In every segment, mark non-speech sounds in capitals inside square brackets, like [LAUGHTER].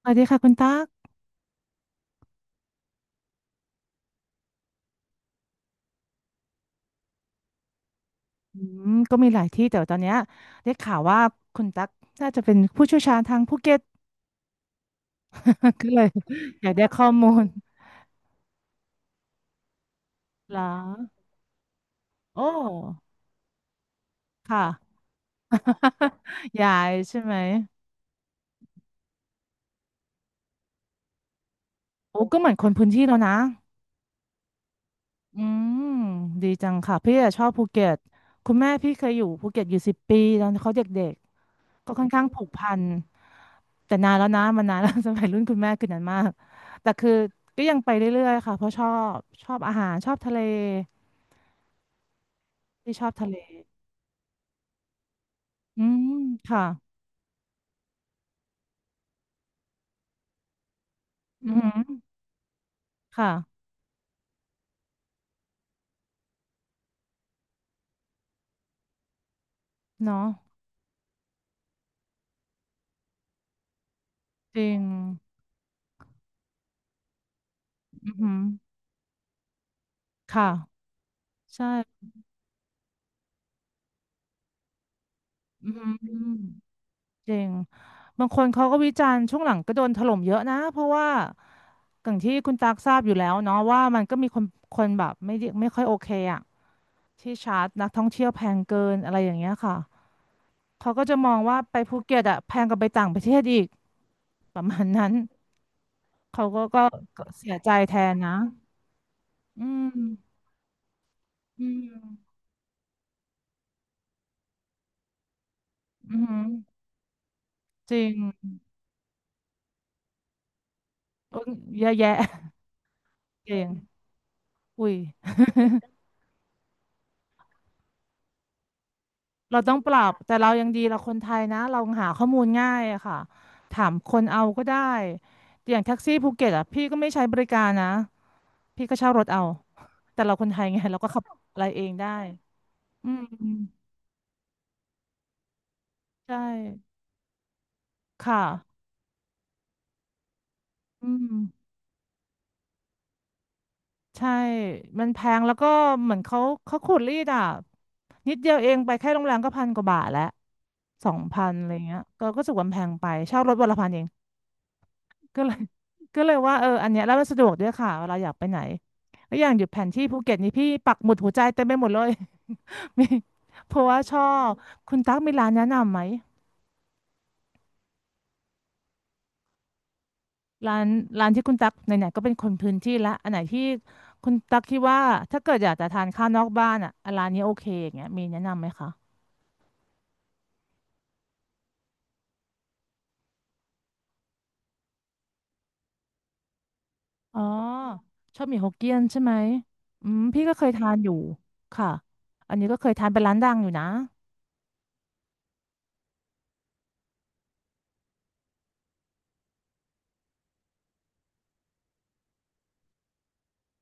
สวัสดีค่ะคุณตั๊กอืก็มีหลายที่แต่ว่าตอนเนี้ยได้ข่าวว่าคุณตั๊กน่าจะเป็นผู้เชี่ยวชาญทางภูเก็ต [LAUGHS] ก็เลยอยากได้ข้อมูลเหรอโอ้ค่ะ [LAUGHS] ยายใช่ไหมโอ้ก็เหมือนคนพื้นที่แล้วนะอืมดีจังค่ะพี่อะชอบภูเก็ตคุณแม่พี่เคยอยู่ภูเก็ตอยู่10 ปีตอนเขาเด็ก ก็ค่อนข้างผูกพันแต่นานแล้วนะมันนานแล้ว [LAUGHS] สมัยรุ่นคุณแม่คือนันมากแต่คือก็ยังไปเรื่อยๆค่ะเพราะบชอบอาหารชอบทะเลที่ชอบทะเลอืมค่ะอือหือค่ะเนาะจริงอือหือค่ะใช่อือือจริงบางคนเขาก็วิจารณ์ช่วงหลังก็โดนถล่มเยอะนะเพราะว่าอย่างที่คุณตักทราบอยู่แล้วเนาะว่ามันก็มีคนแบบไม่ได้ไม่ค่อยโอเคอ่ะ ที่ชาร์จนักท่องเที่ยวแพงเกินอะไรอย่างเงี้ยค่ะเขาก็จะมองว่าไปภูเก็ตอะแพงกว่าไปต่างประเทศอีกประมาณนั้นเขาก็เสียใจแทนนะอืมอืมอืมจริงโอ้ยเยอะแยะ [LAUGHS] เก่งอุ้ย [LAUGHS] เราต้องปรับแต่เรายังดีเราคนไทยนะเราหาข้อมูลง่ายอะค่ะถามคนเอาก็ได้อย่างแท็กซี่ภูเก็ตอะพี่ก็ไม่ใช้บริการนะพี่ก็เช่ารถเอาแต่เราคนไทยไงเราก็ขับอะไรเองได้อืมใช่ค่ะอืมใช่มันแพงแล้วก็เหมือนเขาขูดรีดอ่ะนิดเดียวเองไปแค่โรงแรมก็พันกว่าบาทแล้วสองพันอะไรเงี้ยก็รู้สึกว่ามันแพงไปเช่ารถวันละพันเอง ก็เลย [LAUGHS] ก็เลยว่าเอออันเนี้ยแล้วมันสะดวกด้วยค่ะเวลาอยากไปไหนแล้วอย่างอยู่แผนที่ภูเก็ตนี่พี่ปักหมุดหัวใจเต็มไปหมดเลย [LAUGHS] มีเพราะว่าชอบคุณตั๊กมีร้านแนะนำไหมร้านร้านที่คุณตั๊กไหนๆก็เป็นคนพื้นที่ละอันไหนที่คุณตั๊กคิดว่าถ้าเกิดอยากจะทานข้าวนอกบ้านอ่ะร้านนี้โอเคอย่างเงี้ยมีแนะนำไหมคะอ๋อชอบหมี่ฮกเกี้ยนใช่ไหมอืมพี่ก็เคยทานอยู่ค่ะอันนี้ก็เคยทานเป็นร้านดังอยู่นะ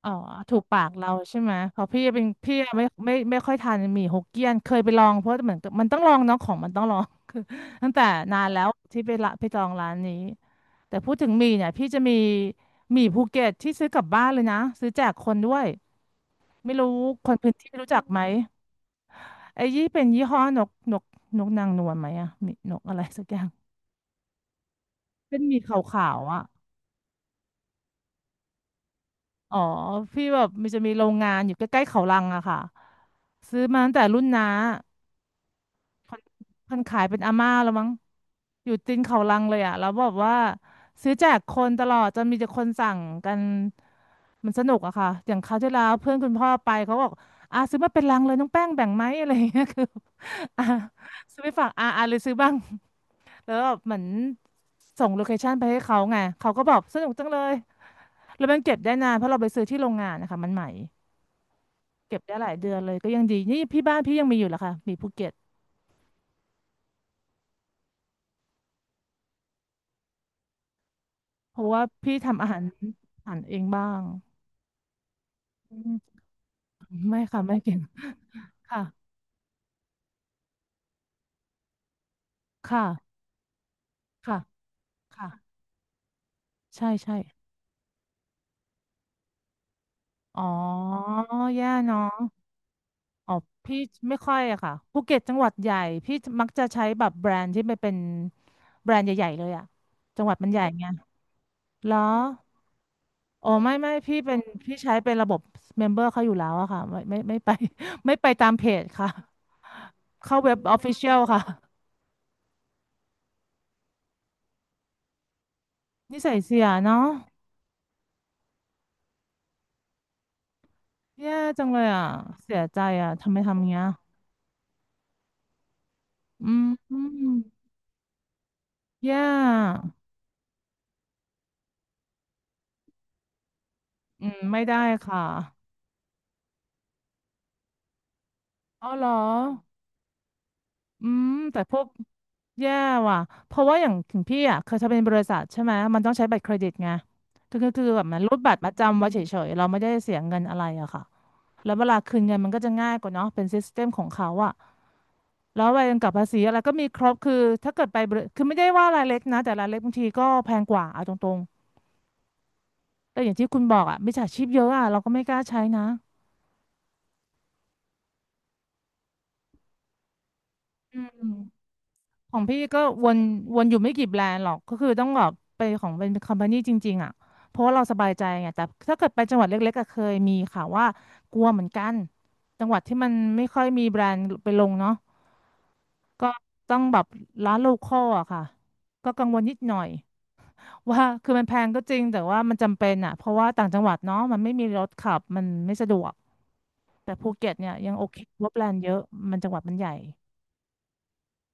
อ๋อถูกปากเราใช่ไหมเพราะพี่เป็นพี่ไม่ค่อยทานหมี่ฮกเกี้ยนเคยไปลองเพราะเหมือนกับมันต้องลองเนาะของมันต้องลอง [LAUGHS] คือตั้งแต่นานแล้วที่ไปละไปจองร้านนี้แต่พูดถึงหมี่เนี่ยพี่จะมีหมี่ภูเก็ตที่ซื้อกลับบ้านเลยนะซื้อแจกคนด้วยไม่รู้คนพื้นที่รู้จักไหมไอ้ยี่เป็นยี่ห้อนกนกนกนางนวลไหมอะหมี่นกอะไรสักอย่างเป็นหมี่ขาวๆอ่ะอ๋อพี่แบบมันจะมีโรงงานอยู่ใกล้ๆเขาลังอะค่ะซื้อมาตั้งแต่รุ่นน้า คนคนขายเป็นอาม่าแล้วมั้งอยู่ตีนเขาลังเลยอ่ะแล้วบอกว่าซื้อแจกคนตลอดจนมีแต่คนสั่งกันมันสนุกอะค่ะ อย่างคราวที่แล้วเพื่อนคุณพ่อไปเขาบอกอ่ะซื้อมาเป็นลังเลยน้องแป้งแบ่งไหม [LAUGHS] อะไรอย่างเงี้ยคืออ่ะซื้อไปฝากอ่ะเลยซื้อบ้างแล้วแบบเหมือนส่งโลเคชั่นไปให้เขาไงเขาก็บอกสนุกจังเลยแล้วมันเก็บได้นานเพราะเราไปซื้อที่โรงงานนะคะมันใหม่เก็บได้หลายเดือนเลยก็ยังดีนี่พี่บ้านพี่ยังมีอยู่เหรอคะมีภูเก็ต เพราะว่าพี่ทำอาหารอาหารเองบ้างอืมไม่ค่ะไม่เก่งค่ะค่ะค่ะค่ะใช่ใช่อ๋อแย่เนาะอ๋อพี่ไม่ค่อยอะค่ะภูเก็ตจังหวัดใหญ่พี่มักจะใช้แบบแบรนด์ที่ไม่เป็นแบรนด์ใหญ่ๆเลยอะจังหวัดมันใหญ่ไงเหรออ๋อไม่พี่เป็นพี่ใช้เป็นระบบเมมเบอร์เขาอยู่แล้วอะค่ะไม่ไป [LAUGHS] ไม่ไปตามเพจค่ะเข้าเว็บออฟฟิเชียลค่ะนิสัยเสียเนาะ แย่จังเลยอ่ะเสียใจอ่ะทำไมทำเงี้ยอืมอืมแย่อืมไม่ได้ค่ะอ๋อเหรออืมแต่พวกแย่ว่ะเพราะว่าอย่างถึงพี่อ่ะเคยทำเป็นบริษัทใช่ไหมมันต้องใช้บัตรเครดิตไงคือแบบมันรูดบัตรประจำไว้เฉยๆเราไม่ได้เสียเงินอะไรอะค่ะแล้วเวลาคืนเงินมันก็จะง่ายกว่าเนาะเป็นซิสเต็มของเขาอะแล้วใบกำกับภาษีอะไรก็มีครบคือถ้าเกิดไปบริคือไม่ได้ว่ารายเล็กนะแต่รายเล็กบางทีก็แพงกว่าเอาตรง แต่อย่างที่คุณบอกอ่ะมิจฉาชีพเยอะอ่ะเราก็ไม่กล้าใช้นะอืมของพี่ก็วนอยู่ไม่กี่แบรนด์หรอกก็คือต้องแบบไปของเป็นคอมพานีจริงๆอ่ะเพราะว่าเราสบายใจไงแต่ถ้าเกิดไปจังหวัดเล็กๆก็เคยมีค่ะว่ากลัวเหมือนกันจังหวัดที่มันไม่ค่อยมีแบรนด์ไปลงเนาะก็ต้องแบบร้านโลคอลอะค่ะก็กังวลนิดหน่อยว่าคือมันแพงก็จริงแต่ว่ามันจำเป็นอ่ะเพราะว่าต่างจังหวัดเนาะมันไม่มีรถขับมันไม่สะดวกแต่ภูเก็ตเนี่ยยังโอเคว่าแบรนด์เยอะมันจังหวัดมันใหญ่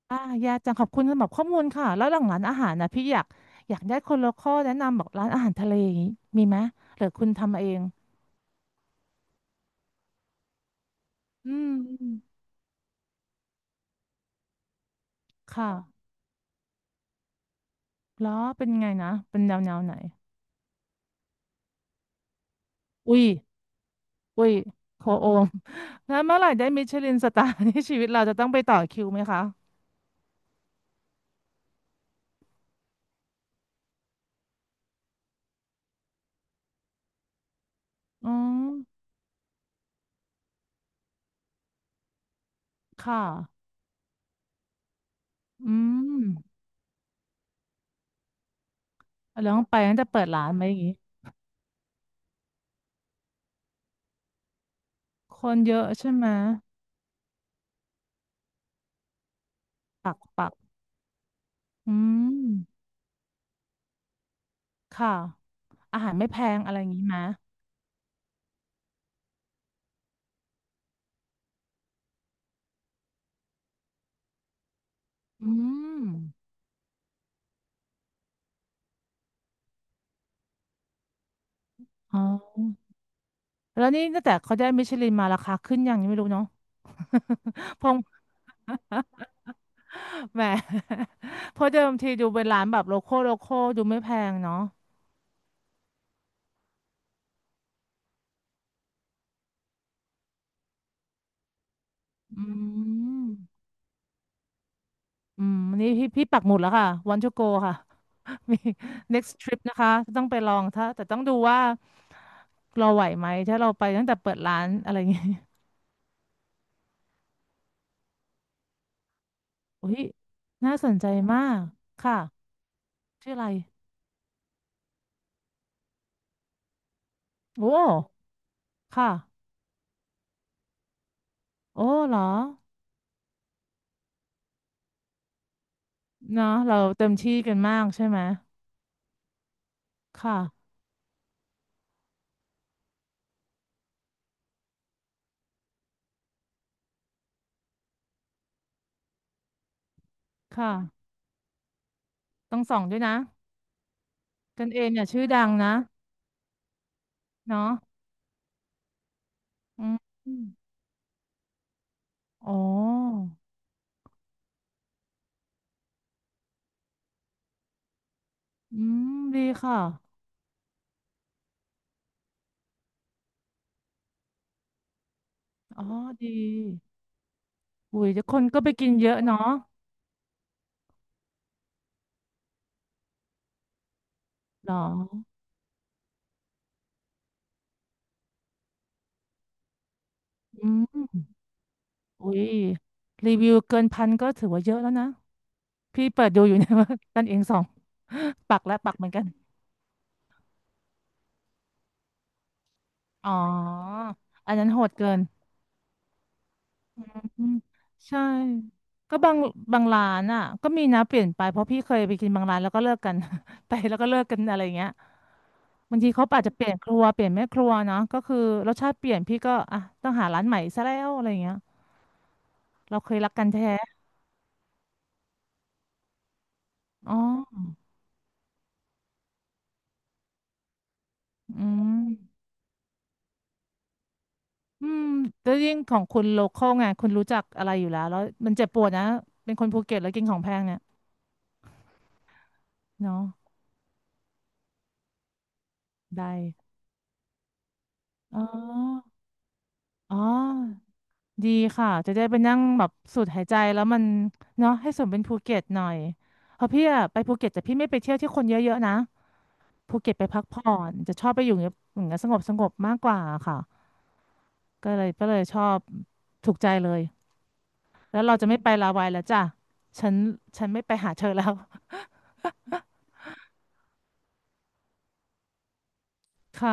อ่ายาจังขอบคุณสำหรับข้อมูลค่ะแล้วหลังร้านอาหารนะพี่อยากได้คนโลคอลแนะนำบอกร้านอาหารทะเลอย่างนี้มีไหมหรือคุณทำเองอืมอืมค่ะแล้วเป็นไงนะเป็นแนวไหนอุ้ยอุ้ยโคโอม [LAUGHS] แล้วเมื่อไหร่ได้มิชลินสตาร์ [LAUGHS] ที่ชีวิตเราจะต้องไปต่อคิวไหมคะอ๋อค่ะอืมแล้วต้องไปงั้นจะเปิดร้านไหมอย่างนี้คนเยอะใช่ไหมปักปักอืมค่ะอาหารไม่แพงอะไรอย่างนี้ไหม อืมอ๋อแล้วนี่ตั้งแต่เขาได้มิชลินมาราคาขึ้นยังนี้ไม่รู้เนาะ [LAUGHS] พงแหม [LAUGHS] เพราะเดิมทีดูเป็นร้านแบบโลคอลโลคอลดูไม่แพงเนาะอืมอืมนี่พี่ปักหมุดแล้วค่ะวั n t to go ค่ะ [LAUGHS] มี next trip นะคะต้องไปลองถ้าแต่ต้องดูว่าเราไหวไหม ถ้าเราไปตั้งแต่เปิดร้านอะไรอย่างงี้ [LAUGHS] อุ้ยน่าสนใจมาก ค่ะชื่ออะไร โอ้ ค่ะ โอ้เหรอ เนาะเราเต็มที่กันมากใช่ไหมค่ะค่ะต้องส่องด้วยนะกันเองเนี่ยชื่อดังนะเนาะอืมอ๋ออืมดีค่ะอ๋อดีอุ้ยจะคนก็ไปกินเยอะเนาะหรออืมอุ้ยรีวิวเกินพันก็ถือว่าเยอะแล้วนะพี่เปิดดูอยู่ [LAUGHS] เนะว่ากันเองส่องปักและปักเหมือนกันอ๋ออันนั้นโหดเกิน อืมใช่ก็บางร้านอ่ะก็มีนะเปลี่ยนไปเพราะพี่เคยไปกินบางร้านแล้วก็เลิกกัน [LAUGHS] ไปแล้วก็เลิกกันอะไรอย่างเงี้ยบางทีเขาอาจจะเปลี่ยนครัวเปลี่ยนแม่ครัวเนาะก็คือรสชาติเปลี่ยนพี่ก็อ่ะต้องหาร้านใหม่ซะแล้วอะไรอย่างเงี้ยเราเคยรักกันแท้อ๋ออืมอืมแล้วยิ่งของคุณโลคอลไงคุณรู้จักอะไรอยู่แล้วแล้วมันเจ็บปวดนะเป็นคนภูเก็ตแล้วกินของแพงเนี่ยเนาะได้อ๋ออ๋อ ดีค่ะจะได้ไปนั่งแบบสูดหายใจแล้วมันเนาะให้สมเป็นภูเก็ตหน่อยเพราะพี่อะไปภูเก็ตแต่พี่ไม่ไปเที่ยวที่คนเยอะๆนะภูเก็ตไปพักผ่อนจะชอบไปอยู่อย่างเงี้ยอย่างเงี้ยสงบมากกว่าค่ะก็เลยชอบถูกใจเลยแล้วเราจะไม่ไปลาวายแล้วจ้ะฉันฉันไม่ไปหาเธอแล้ว [LAUGHS] ค่ะ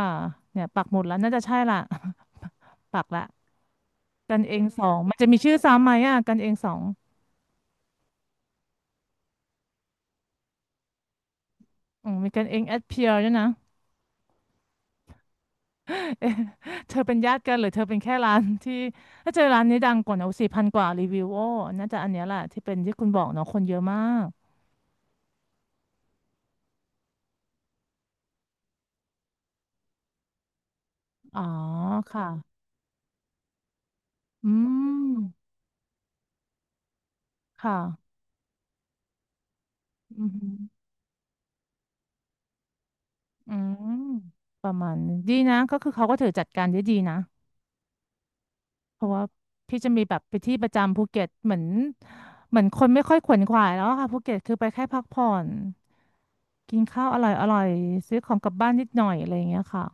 เนี่ยปักหมุดแล้วน่าจะใช่ละ [LAUGHS] ปักละกันเองสองมันจะมีชื่อซ้ำไหมอ่ะกันเองสองอืมมีกันเองแอดเพียร์ด้วยนะ เธอเป็นญาติกันหรือเธอเป็นแค่ร้านที่ถ้าเจอร้านนี้ดังกว่านอะ4,000 กว่ารีวิวโอ้น่าจะอันเนี้ยแหละที่เป็นที่คุณบอกเนาะคนเยอะมากอ๋อค่ะอืมค่ะอืมอืมประมาณนึงดีนะก็คือเขาก็ถือจัดการได้ดีนะเพราะว่าพี่จะมีแบบไปที่ประจำภูเก็ตเหมือนเหมือนคนไม่ค่อยขวนขวายแล้วอะค่ะภูเก็ตคือไปแค่พักผ่อนกินข้าวอร่อยซื้อของกลับบ้านนิดหน่อยอะไรอย่างเงี้ยค่ะ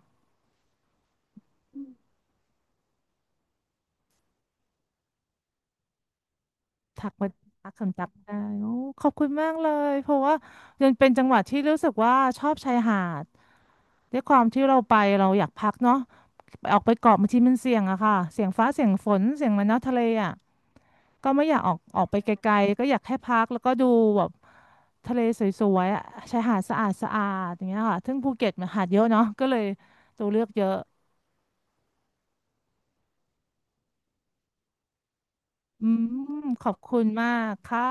ทักมาทักคำจับได้โอ้ขอบคุณมากเลยเพราะว่ายังเป็นจังหวัดที่รู้สึกว่าชอบชายหาดด้วยความที่เราไปเราอยากพักเนาะไปออกไปเกาะบางทีมันเสี่ยงอะค่ะเสี่ยงฟ้าเสี่ยงฝนเสี่ยงมาเนาะทะเลอะก็ไม่อยากออกไปไกลๆก็อยากแค่พักแล้วก็ดูแบบทะเลสวยๆอะชายหาดสะอาดสะอาดอย่างเงี้ยค่ะซึ่งภูเก็ตมันหาดเยอะเนาะก็เลยตัวเลือกเยอะอืมขอบคุณมากค่ะ